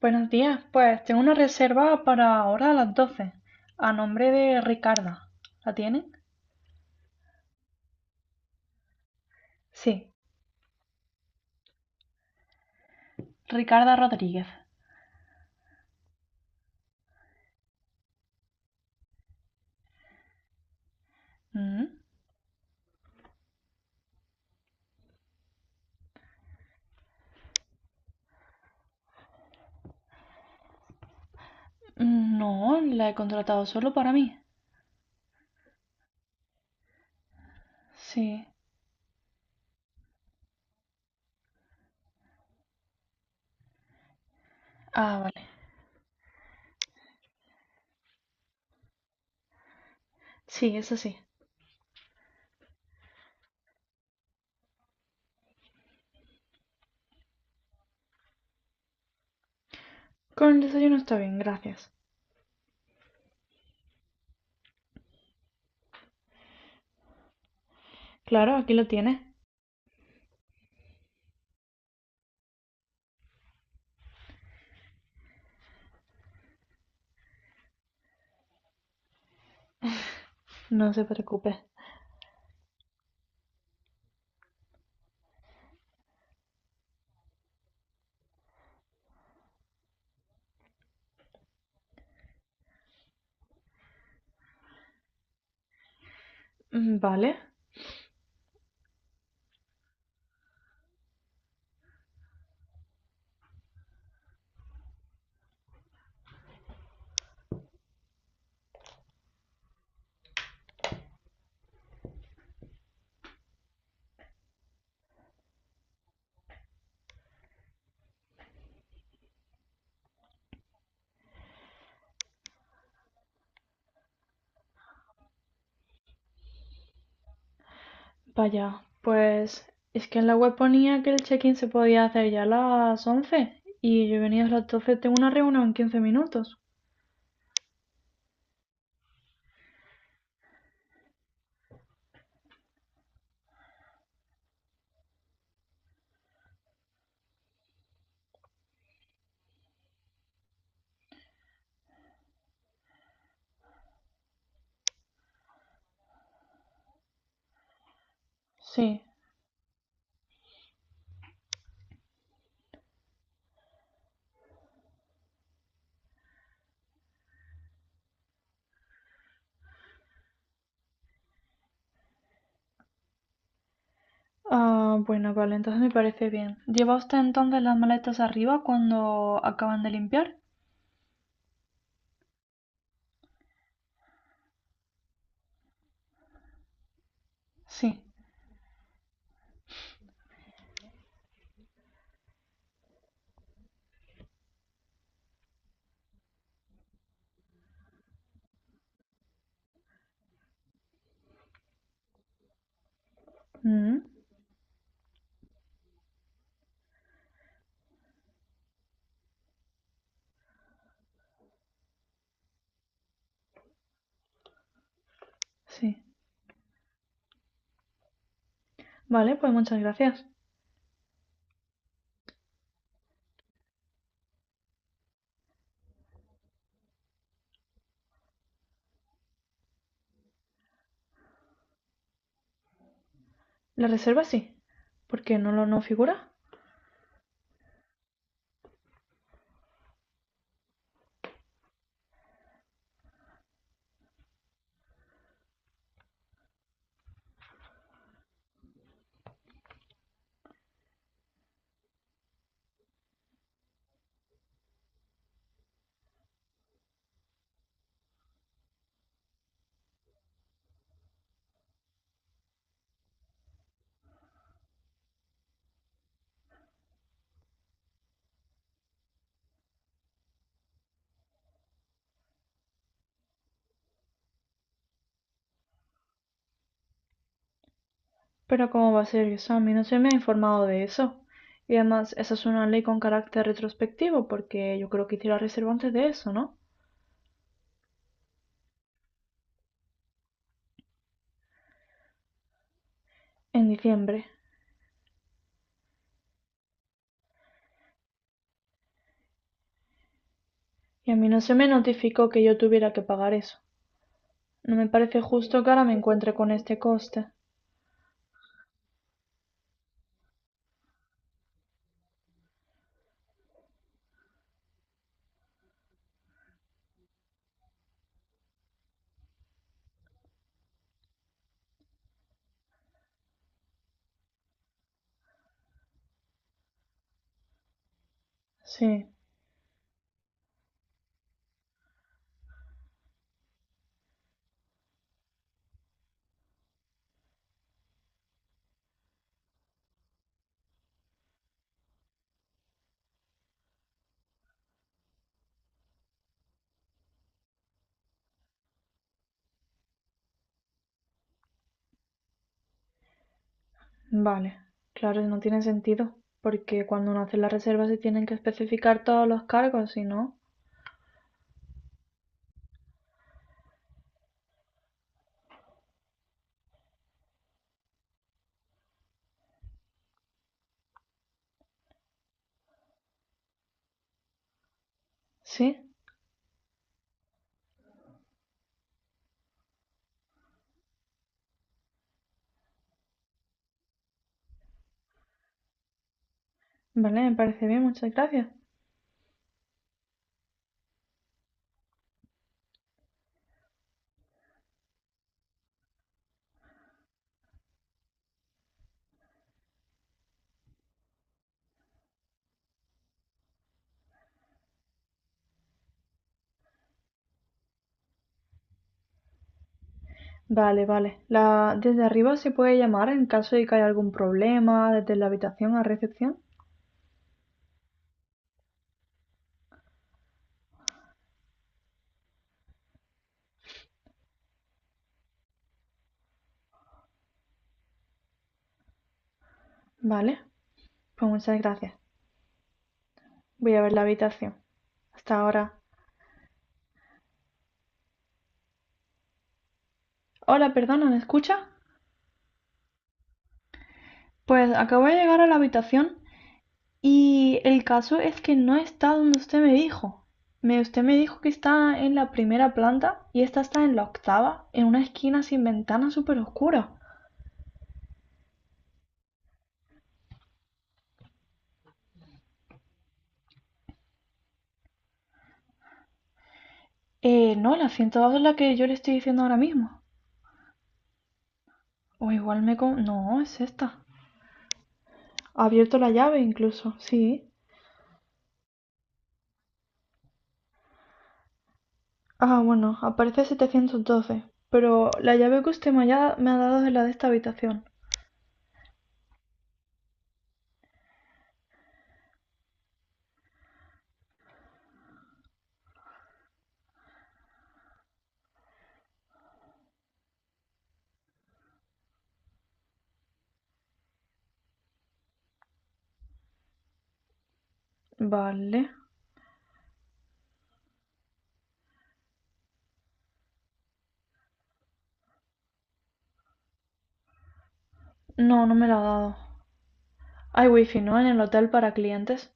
Buenos días, pues tengo una reserva para ahora a las 12 a nombre de Ricarda. ¿La tienen? Sí, Ricarda Rodríguez. ¿Mm? No, la he contratado solo para mí. Sí. Ah, vale. Sí, eso sí. Con el desayuno está bien, gracias. Claro, aquí lo tienes. No se preocupe. Mm, vale, vaya. Pues es que en la web ponía que el check-in se podía hacer ya a las 11 y yo he venido a las 12. Tengo una reunión en 15 minutos. Sí. Ah, bueno, vale, entonces me parece bien. ¿Lleva usted entonces las maletas arriba cuando acaban de limpiar? Sí. Mm, sí. Vale, pues muchas gracias. La reserva sí. ¿Por qué no lo no figura? Pero ¿cómo va a ser eso? A mí no se me ha informado de eso. Y además, esa es una ley con carácter retrospectivo, porque yo creo que hice la reserva antes de eso, ¿no? En diciembre. Y a mí no se me notificó que yo tuviera que pagar eso. No me parece justo que ahora me encuentre con este coste. Sí. Vale, claro, no tiene sentido, porque cuando uno hace la reserva se tienen que especificar todos los cargos, si no. Sí, vale, me parece bien, muchas gracias. Vale, vale. La... Desde arriba se puede llamar en caso de que haya algún problema, desde la habitación a recepción. Vale, pues muchas gracias. Voy a ver la habitación. Hasta ahora. Hola, perdona, ¿me escucha? Pues acabo de llegar a la habitación. Y el caso es que no está donde usted me dijo. Usted me dijo que está en la primera planta y esta está en la octava, en una esquina sin ventana súper oscura. No, la 102 es la que yo le estoy diciendo ahora mismo. O igual no, es esta. Ha abierto la llave incluso, sí. Ah, bueno, aparece 712. Pero la llave que usted me ha dado es la de esta habitación. Vale. No, no me la ha dado. Hay wifi, ¿no? En el hotel para clientes.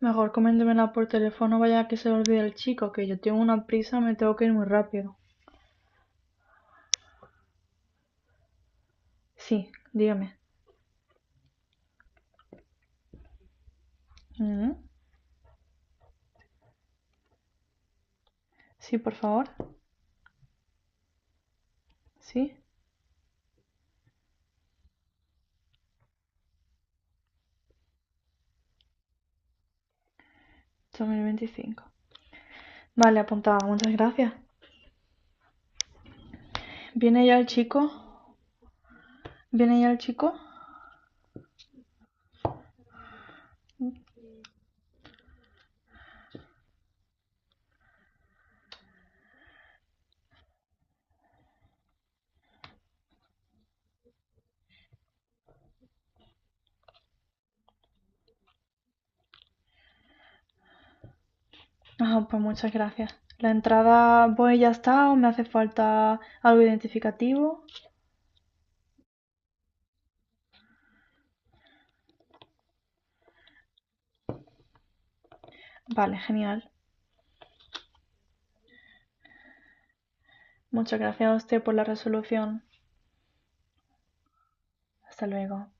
Mejor coméntemela por teléfono, vaya que se le olvide el chico, que yo tengo una prisa, me tengo que ir muy rápido. Sí, dígame. Mm, sí, por favor. Sí, 2025. Vale, apuntada, muchas gracias. ¿Viene ya el chico? ¿Viene ya el chico? Ah, pues muchas gracias. ¿La entrada voy ya está o me hace falta algo identificativo? Vale, genial. Muchas gracias a usted por la resolución. Hasta luego.